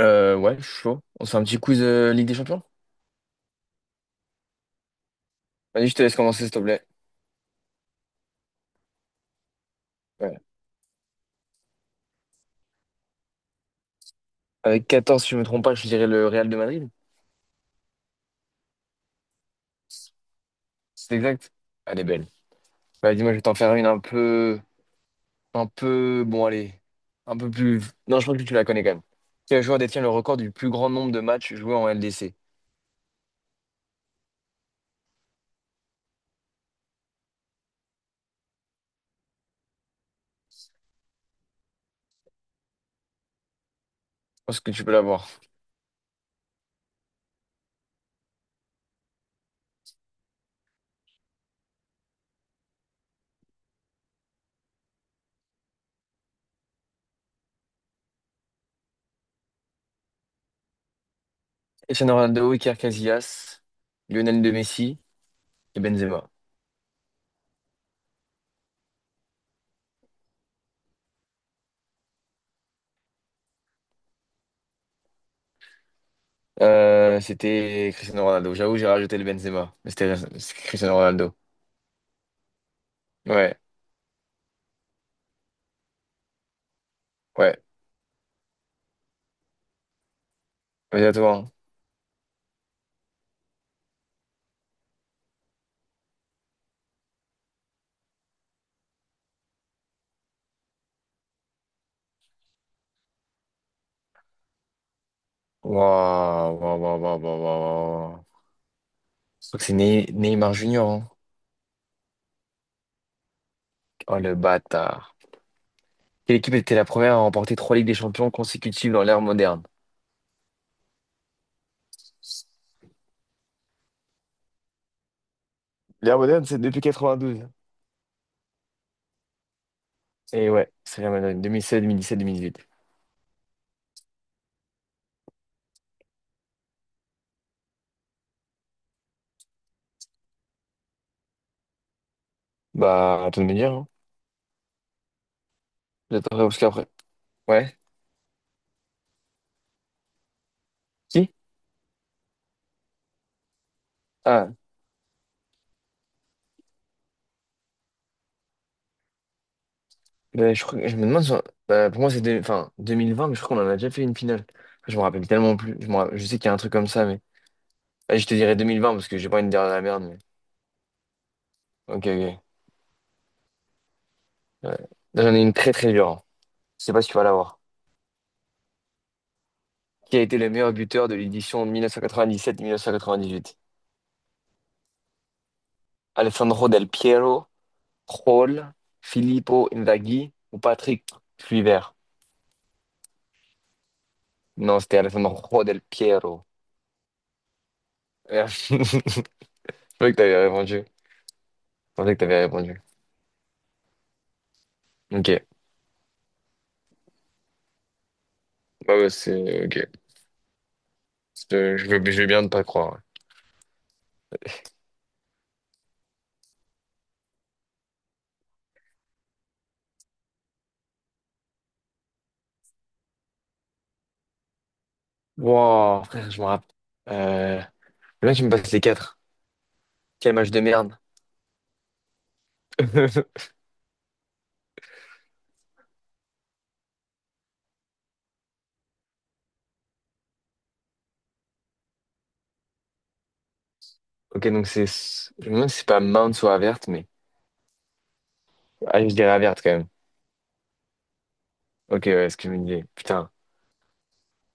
Ouais, je suis chaud. On se fait un petit quiz Ligue des Champions? Vas-y, je te laisse commencer, s'il te plaît. Ouais. Avec 14, si je me trompe pas, je dirais le Real de Madrid. C'est exact? Elle est belle. Bah, dis-moi, je vais t'en faire une un peu... Un peu... Bon, allez. Un peu plus... Non, je pense que tu la connais quand même. Quel joueur détient le record du plus grand nombre de matchs joués en LDC? Je pense que tu peux l'avoir. Cristiano Ronaldo, Iker Casillas, Lionel de Messi et Benzema. C'était Cristiano Ronaldo. J'avoue, j'ai rajouté le Benzema. Mais c'est Cristiano Ronaldo. Ouais, ouais. Vas-y, à toi, hein. Waouh, waouh, waouh, waouh, waouh, waouh, waouh. Je crois que c'est Neymar Junior, hein. Oh le bâtard. Quelle équipe était la première à remporter trois Ligues des Champions consécutives dans l'ère moderne? L'ère moderne, c'est depuis 92. Et ouais, c'est la Madone, 2016, 2017, 2018. Bah, à toi de me dire, hein. J'attendrai parce après. Ouais. Qui? Ah, bah, je crois, je me demande, si on- bah, pour moi c'est enfin, 2020, mais je crois qu'on en a déjà fait une finale. Je me rappelle tellement plus. Je sais qu'il y a un truc comme ça, mais. Ah, je te dirais 2020 parce que j'ai pas une dernière la merde, mais. Ok, ok. Ouais. Là, j'en ai une très très dure, hein. Je sais pas si tu vas l'avoir. Qui a été le meilleur buteur de l'édition 1997-1998? Alessandro Del Piero, Raul, Filippo Inzaghi ou Patrick Kluivert? Non, c'était Alessandro Del Piero. Merde. Je pensais que t'avais répondu. Je pensais que t'avais répondu. Ok. Bah ouais, c'est ok. Je veux bien ne pas croire, ouais. Wow, frère, je me rappelle. Euh... Le mec, il me passe les quatre. Quel match de merde. Ok, donc c'est. Je me demande si c'est pas Mount ou Avert, mais. Ah, je dirais Avert quand même. Ok, ouais, ce que je me disais. Putain.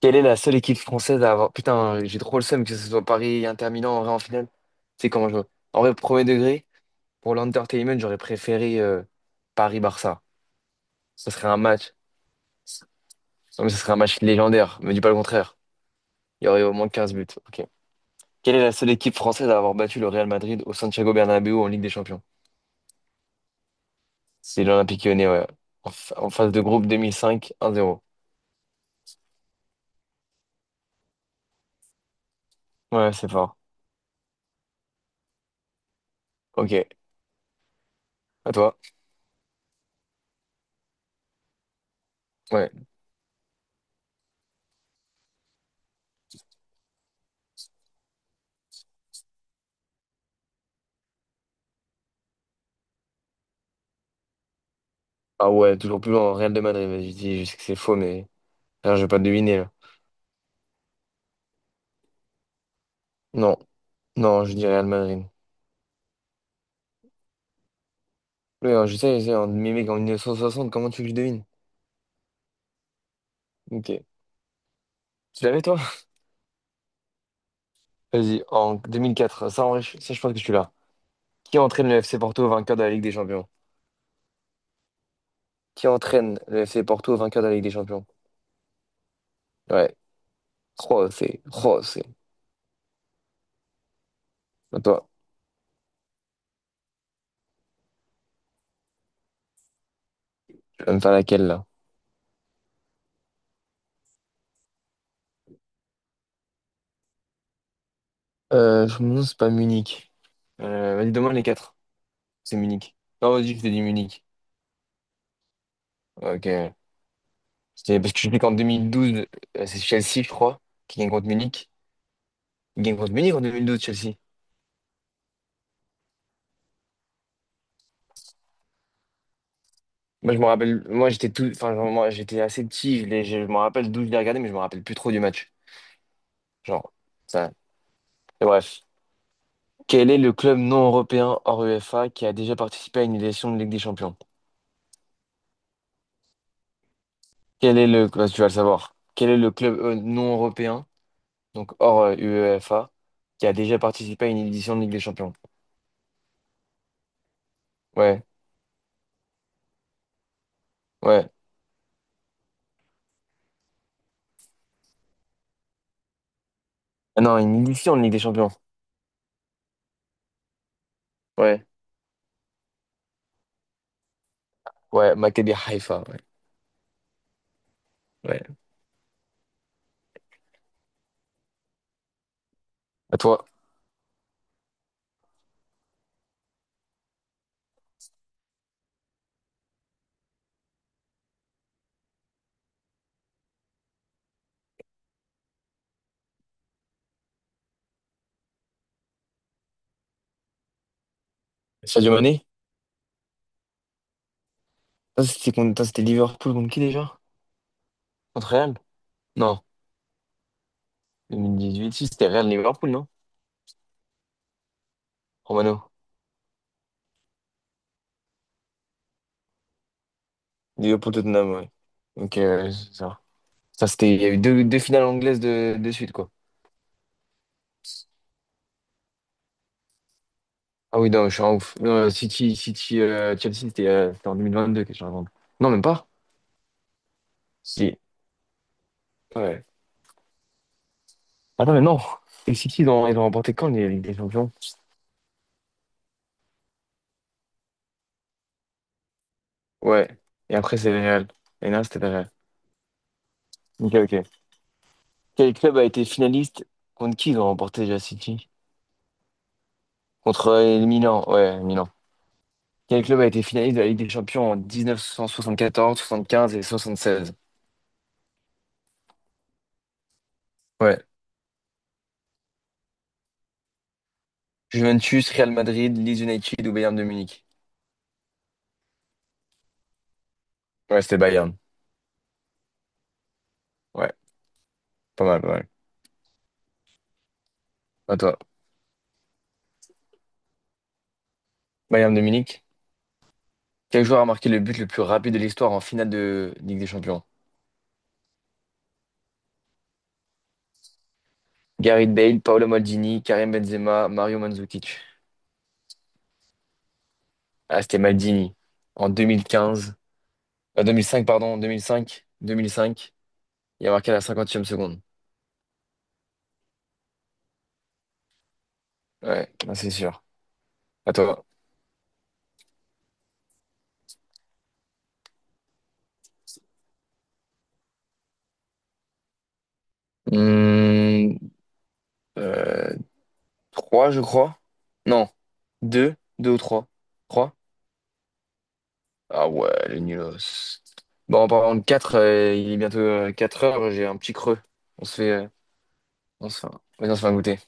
Quelle est la seule équipe française à avoir. Putain, j'ai trop le seum que ce soit Paris, Inter Milan, en vrai, en finale. C'est comment je. En vrai, premier degré, pour l'entertainment, j'aurais préféré Paris-Barça. Ce serait un match. Non, mais ce serait un match légendaire. Me dis pas le contraire. Il y aurait au moins 15 buts. Ok. Quelle est la seule équipe française à avoir battu le Real Madrid au Santiago Bernabéu en Ligue des Champions? C'est l'Olympique Lyonnais, ouais. En phase de groupe 2005, 1-0. Ouais, c'est fort. Ok. À toi. Ouais. Ah ouais, toujours plus loin, Real de Madrid, vas-y, je dis, je sais que c'est faux, mais alors je vais pas deviner là. Non, non, je dis Real Madrid. Oui, alors, je sais, mais mec, en 1960, comment tu veux que je devine? Ok. Tu l'avais toi? Vas-y, en 2004, ça en vrai, ça je pense que tu l'as. Qui entraîne le FC Porto vainqueur de la Ligue des Champions? Qui entraîne le FC Porto vainqueur de la Ligue des Champions? Ouais. Oh, c'est. Oh, c'est. À toi, tu vas me faire laquelle là? Je me demande si c'est pas Munich. Vas-y, demande les quatre. C'est Munich. Non, vas-y, je te dis Munich. Ok. C'était parce que je dis qu'en 2012, c'est Chelsea, je crois, qui gagne contre Munich. Il gagne contre Munich en 2012, Chelsea. Moi, je me rappelle, moi, j'étais tout, enfin, genre, moi, j'étais assez petit, je me rappelle d'où je l'ai regardé, mais je me rappelle plus trop du match. Genre, ça. Et bref. Quel est le club non européen hors UEFA qui a déjà participé à une édition de Ligue des Champions? Bah, tu vas le savoir. Quel est le club non européen, donc hors UEFA, qui a déjà participé à une édition de Ligue des Champions? Ouais, ouais. Ah non, une édition de Ligue des Champions. Ouais, ouais, Maccabi Haïfa. Ouais. À toi. Sadio Mané? Ça, c'était attends, c'était Liverpool contre qui déjà? Contre Real? Non. 2018, si, c'était Real Liverpool, non? Romano. Liverpool Tottenham, ouais. Donc, c'est ça. Ça, c'était, il y a eu deux finales anglaises de suite, quoi. Ah oui, non, je suis un ouf. Non, City, Chelsea, c'était en 2022 que je raconte. Non, même pas. Si. Ouais. Ah non, mais non. Et City, ils ont remporté quand les Ligue des Champions? Ouais. Et après, c'est le Real. Et là, c'était le Real. Ok, ok. Quel club a été finaliste contre qui ils ont remporté déjà City? Contre Milan, ouais, Milan. Quel club a été finaliste de la Ligue des Champions en 1974, 75 et 76? Ouais. Juventus, Real Madrid, Leeds United ou Bayern de Munich? Ouais, c'était Bayern. Ouais, pas mal, pas À toi. Bayern de Munich. Quel joueur a marqué le but le plus rapide de l'histoire en finale de Ligue des Champions? Gareth Bale, Paolo Maldini, Karim Benzema, Mario Mandzukic. Ah, c'était Maldini. En 2015. En 2005, pardon, 2005. 2005. Il a marqué à la 50e seconde. Ouais, ah, c'est sûr. À toi. Hum, euh, Trois, je crois. Non, deux, deux ou trois. Trois? Ah ouais, les nulos. Bon, en parlant de quatre, il est bientôt 4 heures, j'ai un petit creux. On se fait, euh, on se fait, vas-y, on se fait un goûter.